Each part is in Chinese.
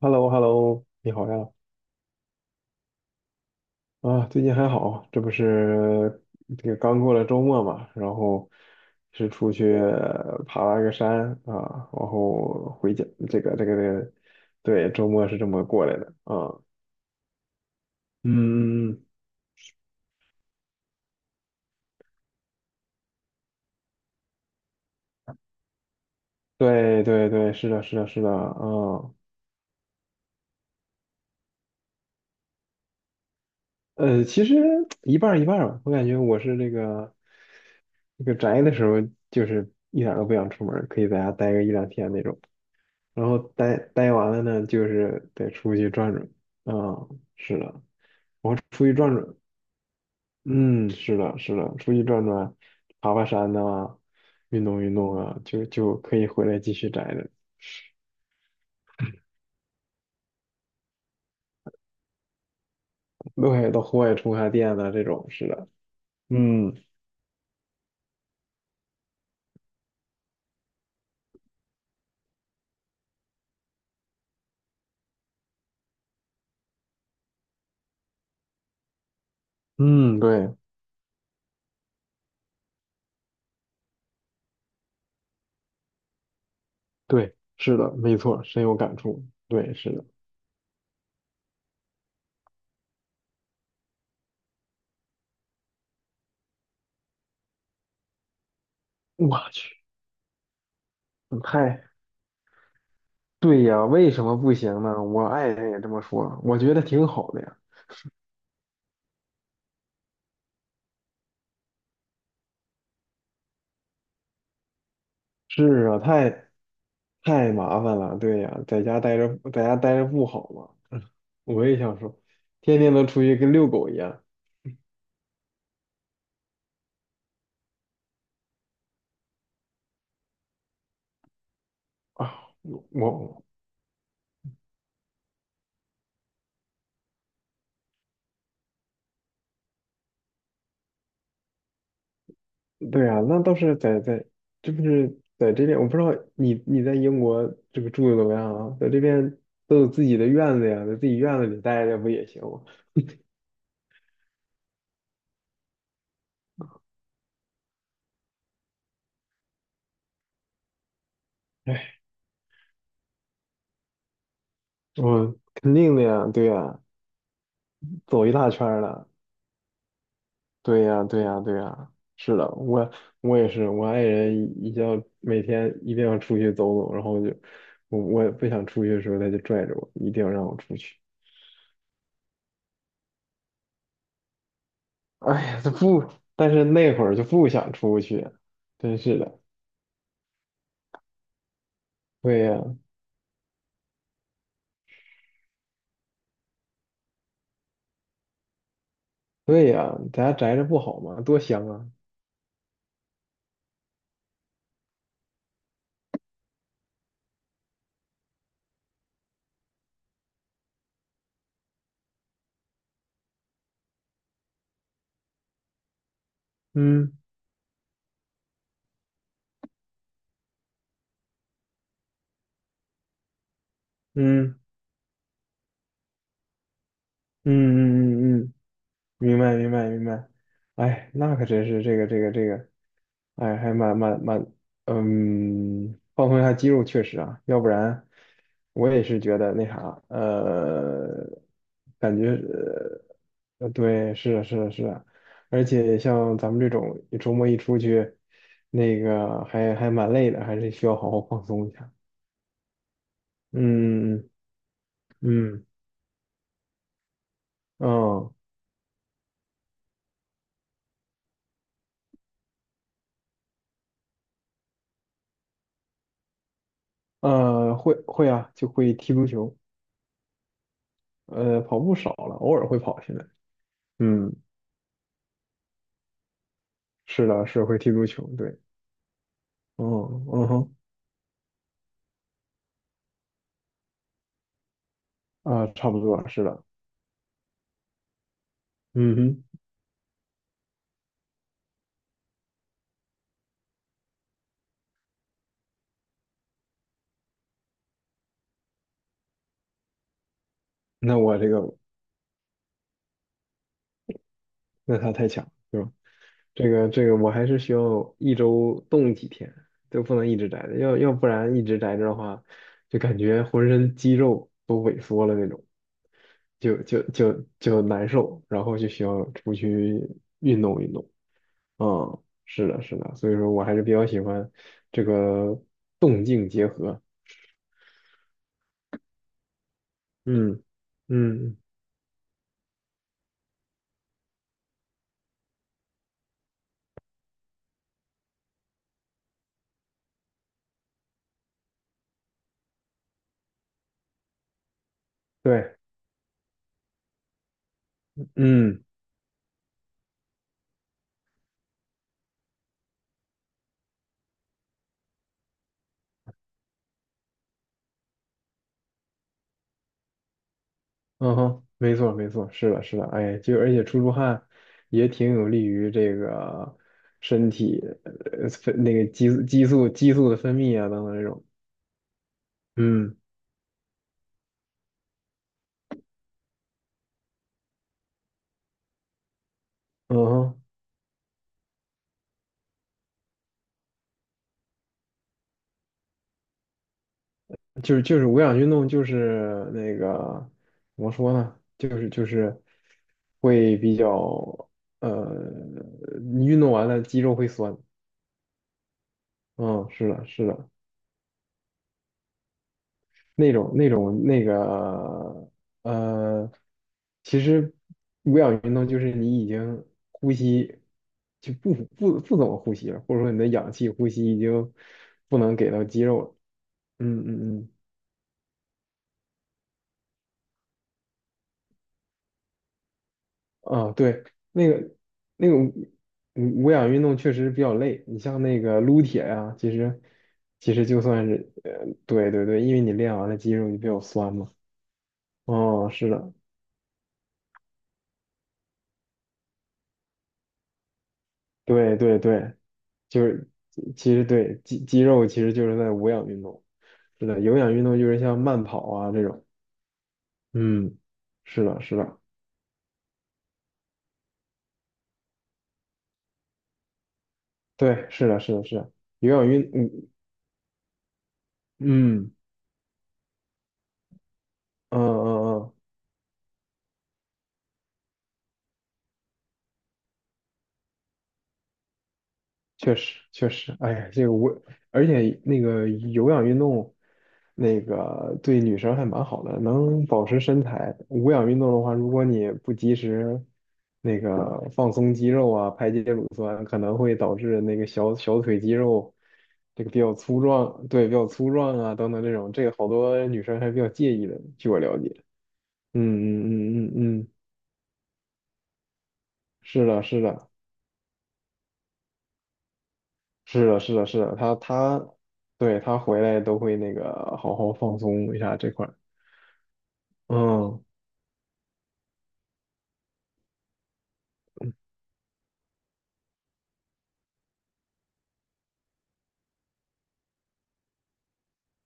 hello hello 你好呀！啊，最近还好，这不是这个刚过了周末嘛，然后是出去爬了个山啊，然后回家，这个，对，周末是这么过来的啊。嗯，嗯对对对，是的，是的，是的，啊，其实一半儿一半儿吧。我感觉我是那个宅的时候，就是一点儿都不想出门儿，可以在家待个一两天那种。然后待完了呢，就是得出去转转。啊，是的，我出去转转。嗯，是的，是的，出去转转，爬爬山呐、运动运动啊，就可以回来继续宅着。对，到户外充下电呐，这种，是的。嗯嗯，对对，是的，没错，深有感触。对，是的。我去，太对呀，为什么不行呢？我爱人也这么说，我觉得挺好的呀。是啊，太麻烦了，对呀，在家待着，在家待着不好吗？嗯我也想说，天天都出去跟遛狗一样啊。我，对呀，那倒是在，这不是在这边，我不知道你在英国这个住的怎么样啊？在这边都有自己的院子呀，在自己院子里待着不也行吗？哎，我肯定的呀，对呀，走一大圈儿了。对呀，对呀，对呀，是的，我也是，我爱人一定要每天一定要出去走走，然后就我不想出去的时候，他就拽着我，一定要让我出去。哎呀，他不，但是那会儿就不想出去，真是的。对呀，对呀，在家宅着不好吗？多香啊！嗯嗯嗯嗯嗯嗯，嗯明白明白明白。哎，那可真是这个，哎，还蛮蛮蛮，嗯，放松一下肌肉确实啊，要不然我也是觉得那啥，感觉对，是啊是啊是啊，而且像咱们这种周末一出去，那个还蛮累的，还是需要好好放松一下。嗯嗯嗯嗯，会啊，就会踢足球，跑步少了，偶尔会跑起来。嗯，是的，是会踢足球，对，嗯嗯哼。啊，差不多是的。嗯哼，那我这个，那他太强，对吧？我还是需要一周动几天，就不能一直宅着，要不然一直宅着的话，就感觉浑身肌肉都萎缩了那种，就难受，然后就需要出去运动运动。嗯，是的，是的，所以说我还是比较喜欢这个动静结合。嗯嗯，对，嗯。嗯哼，没错没错，是的，是的，哎，就而且出汗也挺有利于这个身体那个激素的分泌啊等等这种，嗯嗯哼，就是无氧运动就是那个怎么说呢，就是会比较呃你运动完了肌肉会酸，嗯，是的是的，那种那种那个呃，其实无氧运动就是你已经呼吸就不怎么呼吸了，或者说你的氧气呼吸已经不能给到肌肉了。嗯嗯嗯，啊对，那个那个无氧运动确实比较累，你像那个撸铁呀、其实就算是对对对，因为你练完了肌肉就比较酸嘛。哦，是的，对对对。就是其实对肌肉其实就是在无氧运动，是的，有氧运动就是像慢跑啊这种，嗯，是的，是的，对，是的，是的，是的，有氧运，嗯嗯嗯嗯，嗯，确实，确实，哎呀，这个我，而且那个有氧运动，那个对女生还蛮好的，能保持身材。无氧运动的话，如果你不及时那个放松肌肉啊，排解乳酸，可能会导致那个小腿肌肉这个比较粗壮，对，比较粗壮啊等等这种，这个好多女生还比较介意的，据我了解。嗯嗯嗯嗯嗯，嗯是的，是的。是的，是的，是的，对，他回来都会那个好好放松一下这块儿。嗯，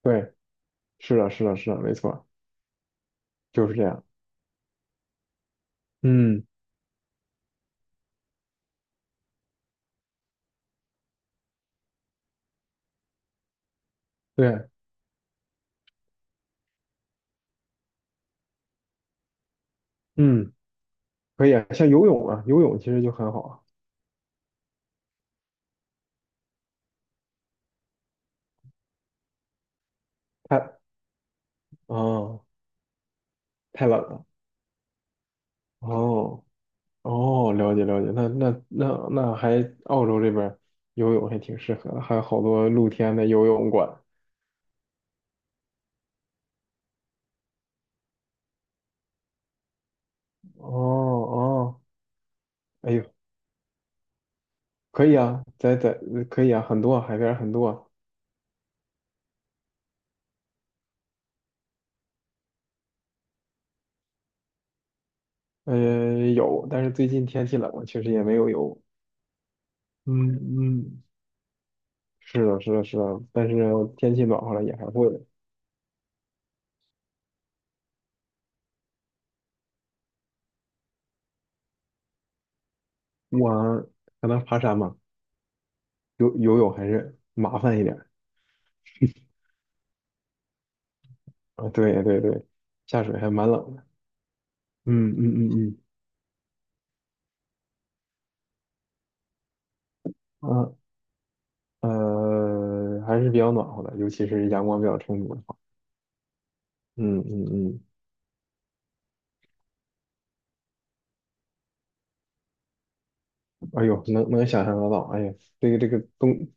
对，是的，是的，是的，没错儿就是这样。嗯，对，嗯，可以啊，像游泳啊，游泳其实就很好啊。太，哦，太冷了。哦，哦，了解了解，那还澳洲这边儿游泳还挺适合的，还有好多露天的游泳馆。哦哦，哎呦，可以啊，可以啊，很多啊海边儿很多啊嗯，有，但是最近天气冷了，确实也没有游。嗯嗯，是的，是的，是的，但是天气暖和了也还会的。我可能爬山嘛，游泳还是麻烦一点儿啊。对对对，下水还蛮冷的。嗯嗯嗯嗯啊还是比较暖和的，尤其是阳光比较充足的话。嗯嗯嗯，哎呦，能想象得到，哎呀，这个冬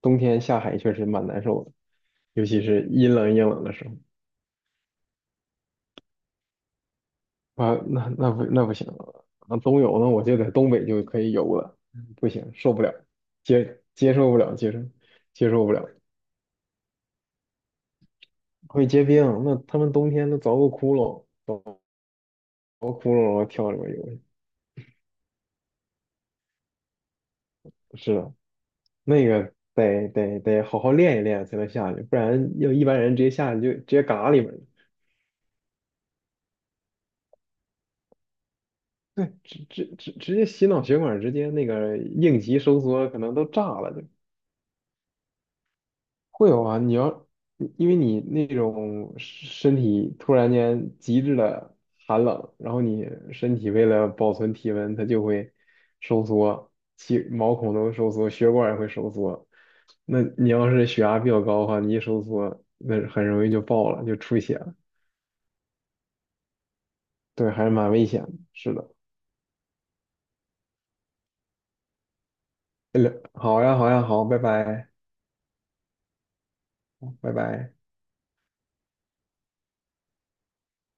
冬天下海确实蛮难受的，尤其是阴冷阴冷的时候。啊，那不行啊，冬泳呢，我就在东北就可以游了，不行，受不了，接受不了，接受不了，会结冰，那他们冬天都凿个窟窿，凿个窟窿然后跳里面游去，是的，那个得好好练一练才能下去，不然要一般人直接下去就直接嘎里面了，对，直接洗脑血管，直接那个应急收缩可能都炸了就。会有啊，因为你那种身体突然间极致的寒冷，然后你身体为了保存体温，它就会收缩，其毛孔都收缩，血管也会收缩。那你要是血压比较高的话，你一收缩，那很容易就爆了，就出血了。对，还是蛮危险的。是的，哎好呀，好呀，好，拜拜，拜拜。